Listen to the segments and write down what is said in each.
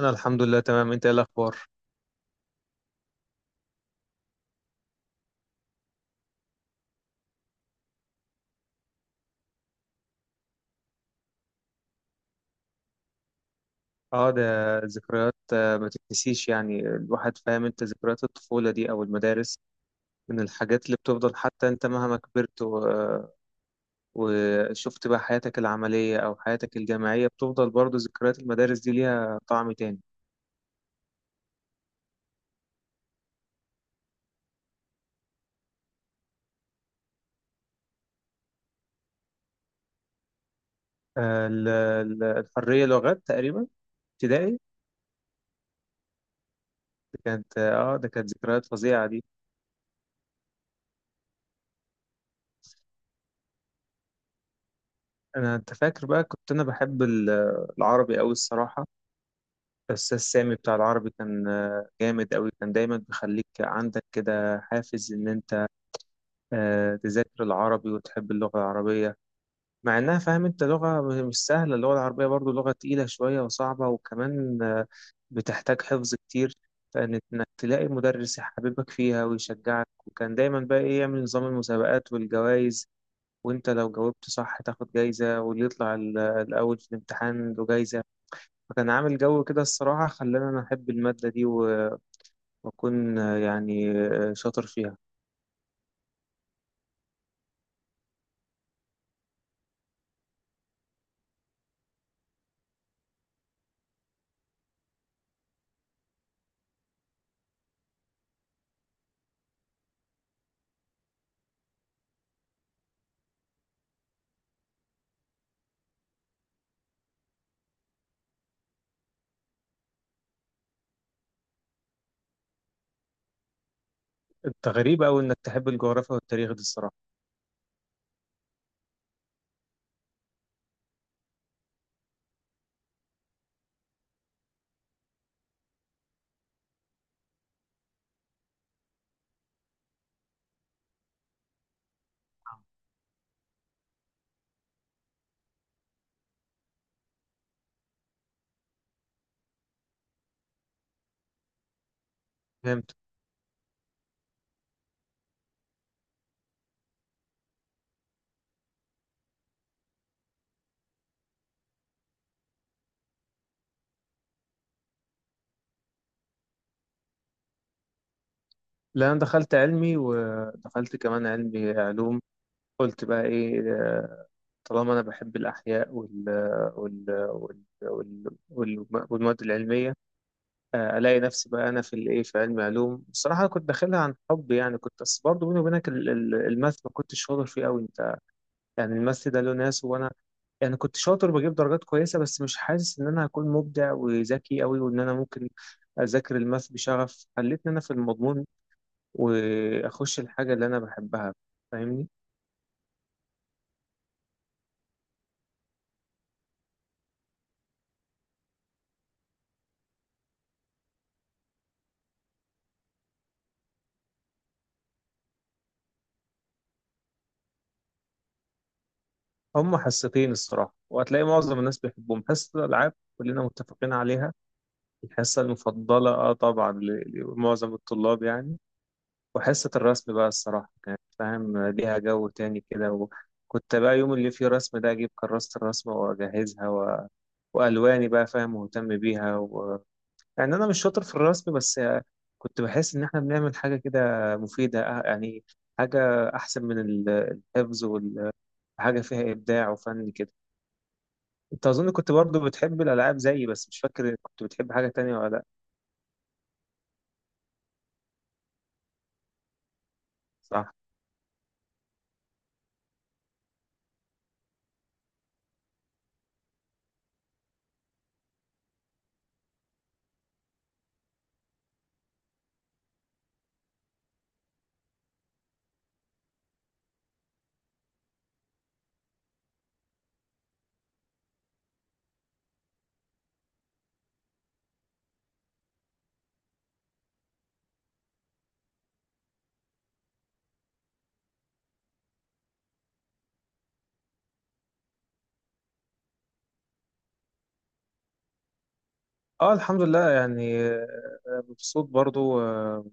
انا الحمد لله تمام. انت ايه الاخبار؟ اه، ده ذكريات. ما تتنسيش يعني. الواحد فاهم انت، ذكريات الطفولة دي او المدارس من الحاجات اللي بتفضل. حتى انت مهما كبرت و... آه، وشفت بقى حياتك العملية او حياتك الجامعية، بتفضل برضو ذكريات المدارس دي ليها طعم تاني. الحرية لغات تقريبا، ابتدائي. كانت ده كانت ذكريات فظيعة دي. انا انت فاكر بقى، كنت انا بحب العربي قوي الصراحة. الأستاذ سامي بتاع العربي كان جامد أوي. كان دايما بيخليك عندك كده حافز إن أنت تذاكر العربي وتحب اللغة العربية. مع إنها فاهم أنت لغة مش سهلة، اللغة العربية برضو لغة تقيلة شوية وصعبة، وكمان بتحتاج حفظ كتير. فإن إنك تلاقي مدرس يحببك فيها ويشجعك، وكان دايما بقى إيه، يعمل نظام المسابقات والجوائز، وأنت لو جاوبت صح تاخد جايزة، واللي يطلع الأول في الامتحان له جايزة. فكان عامل جو كده الصراحة، خلاني أنا أحب المادة دي وأكون يعني شاطر فيها. أنت غريب أوي إنك تحب الجغرافيا والتاريخ دي الصراحة. فهمت. لا، أنا دخلت علمي، ودخلت كمان علمي علوم. قلت بقى إيه، طالما أنا بحب الأحياء وال وال وال وال وال- والمواد العلمية، ألاقي نفسي بقى أنا في الإيه، في علمي علوم. الصراحة كنت داخلها عن حب يعني، كنت بس برضه بيني وبينك الماث ما كنتش شاطر فيه أوي أنت. يعني الماث ده له ناس، وأنا يعني كنت شاطر بجيب درجات كويسة، بس مش حاسس إن أنا هكون مبدع وذكي أوي، وإن أنا ممكن أذاكر الماث بشغف خلتني أنا في المضمون وأخش الحاجة اللي أنا بحبها. فاهمني؟ هما حصتين الصراحة، وهتلاقي معظم الناس بيحبهم. حصة الألعاب كلنا متفقين عليها، الحصة المفضلة آه طبعا لمعظم الطلاب يعني. وحصة الرسم بقى الصراحة، كانت فاهم ليها جو تاني كده. وكنت بقى يوم اللي فيه رسم ده أجيب كراسة الرسمة وأجهزها وألواني بقى، فاهم، مهتم بيها يعني أنا مش شاطر في الرسم، بس كنت بحس إن إحنا بنعمل حاجة كده مفيدة، يعني حاجة أحسن من الحفظ، وحاجة فيها إبداع وفن كده. أنت أظن كنت برضو بتحب الألعاب زيي، بس مش فاكر كنت بتحب حاجة تانية ولا لأ. صح؟ اه، الحمد لله يعني، مبسوط برضو.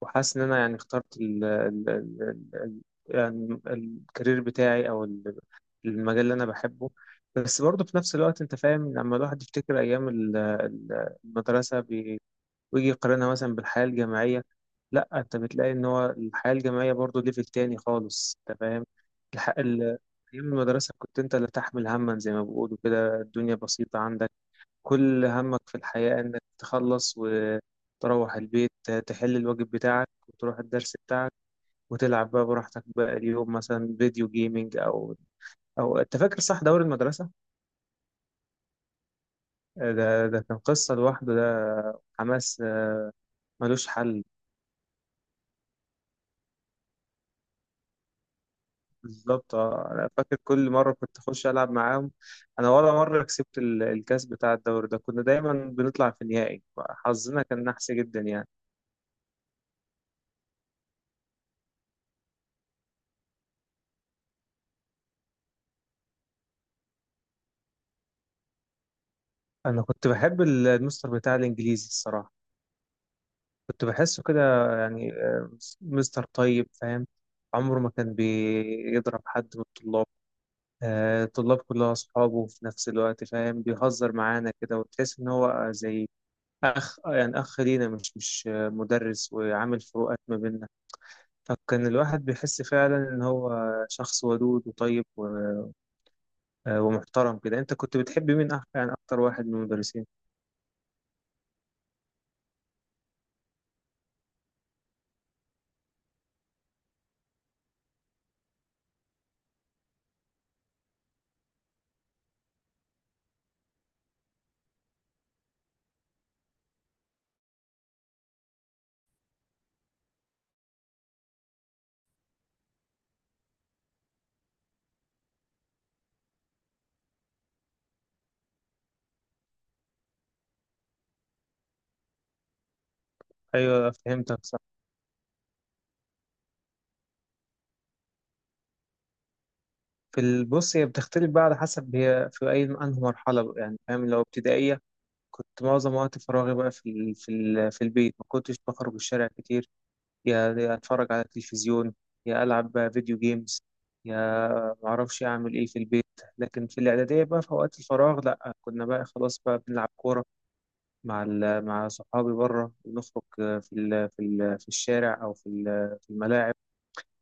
وحاسس ان انا يعني اخترت ال ال ال ال يعني الكارير بتاعي او المجال اللي انا بحبه. بس برضه في نفس الوقت انت فاهم، لما الواحد يفتكر ايام المدرسه ويجي يقارنها مثلا بالحياه الجامعيه، لا انت بتلاقي ان هو الحياه الجامعيه برضه ليفل تاني خالص، انت فاهم. الح- ال- ايام المدرسه كنت انت اللي تحمل هما زي ما بيقولوا كده، الدنيا بسيطه عندك. كل همك في الحياة إنك تخلص وتروح البيت، تحل الواجب بتاعك وتروح الدرس بتاعك وتلعب بقى براحتك بقى اليوم، مثلا فيديو جيمينج أو أو، أنت فاكر صح دوري المدرسة؟ ده كان قصة لوحده، ده حماس ملوش حل. بالظبط آه. أنا فاكر كل مرة كنت أخش ألعب معاهم، أنا ولا مرة كسبت الكاس بتاع الدوري ده. كنا دايما بنطلع في النهائي، حظنا كان نحس جدا يعني. أنا كنت بحب المستر بتاع الإنجليزي الصراحة. كنت بحسه كده، يعني مستر طيب، فاهم، عمره ما كان بيضرب حد من الطلاب. الطلاب كلها أصحابه في نفس الوقت، فاهم، بيهزر معانا كده وتحس إن هو زي أخ، يعني أخ لينا، مش مدرس وعامل فروقات ما بيننا. فكان الواحد بيحس فعلا إن هو شخص ودود وطيب ومحترم كده. أنت كنت بتحب مين يعني أكتر واحد من المدرسين؟ أيوه، فهمتك. في البص، هي بتختلف بقى على حسب هي في أي أنهي مرحلة بقى يعني، فاهم، لو ابتدائية كنت معظم وقت فراغي بقى في البيت. ما كنتش بخرج الشارع كتير، يا يا أتفرج على التلفزيون، يا ألعب بقى فيديو جيمز، يا معرفش أعمل إيه في البيت. لكن في الإعدادية بقى، في وقت الفراغ لأ، كنا بقى خلاص بقى بنلعب كورة مع مع صحابي بره. بنخرج في في الشارع، أو في في الملاعب.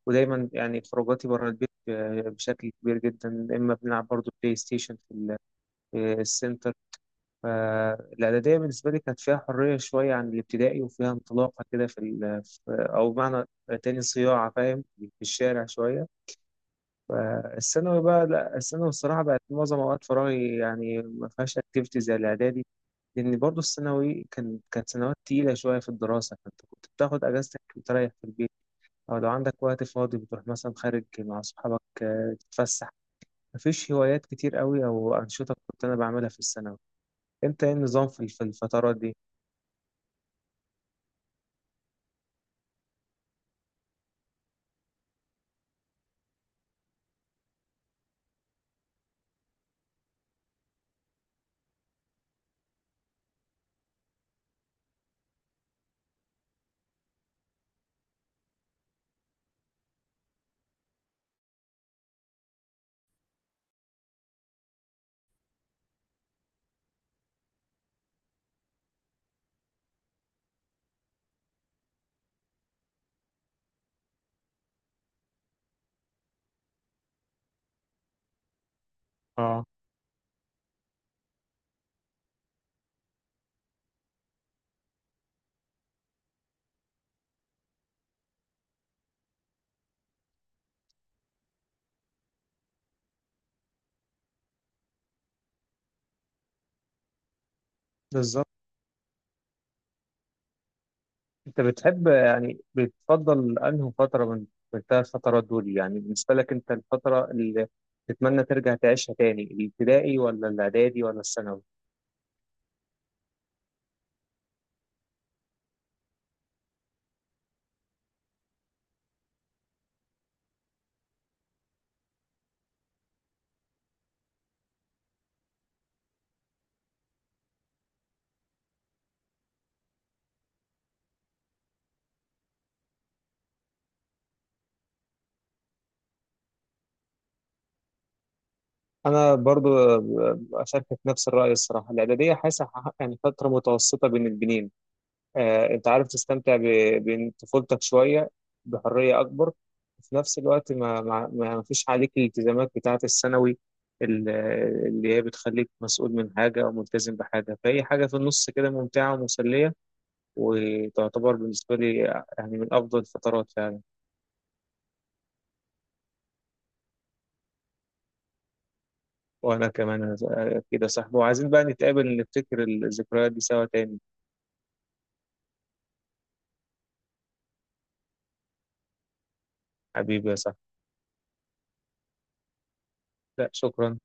ودايما يعني خروجاتي بره البيت بشكل كبير جدا. اما بنلعب برضو بلاي ستيشن في في السنتر. فالاعداديه بالنسبه لي كانت فيها حريه شويه عن الابتدائي، وفيها انطلاقه كده في او بمعنى تاني صياعه، فاهم، في الشارع شويه. فالثانوي بقى لا، الثانوي الصراحه بقت معظم اوقات فراغي يعني ما فيهاش اكتيفيتي زي الاعدادي، لان برضو الثانوي كانت سنوات تقيله شويه في الدراسه. فانت كنت بتاخد اجازتك وتريح في البيت، أو لو عندك وقت فاضي بتروح مثلا خارج مع أصحابك تتفسح. مفيش هوايات كتير قوي أو أنشطة كنت أنا بعملها في الثانوي. أنت إيه النظام في الفترات دي؟ اه، بالظبط. أنت بتحب يعني بتفضل أنهي فترة من من الثلاث فترات دول يعني، بالنسبة لك أنت الفترة اللي تتمنى ترجع تعيشها تاني، الابتدائي ولا الإعدادي ولا الثانوي؟ انا برضو اشاركك نفس الراي الصراحه. الاعداديه حاسه يعني فتره متوسطه بين البنين. انت عارف تستمتع بطفولتك شوية، بحرية أكبر، وفي نفس الوقت ما فيش عليك الالتزامات بتاعة الثانوي ال- اللي هي بتخليك مسؤول من حاجة أو ملتزم بحاجة. فهي حاجة في النص كده، ممتعة ومسلية، وتعتبر بالنسبة لي يعني من أفضل الفترات فعلا. وأنا كمان. كده صاحبي، وعايزين بقى نتقابل نفتكر الذكريات دي سوا تاني. حبيبي يا صاحبي. لا، شكرا.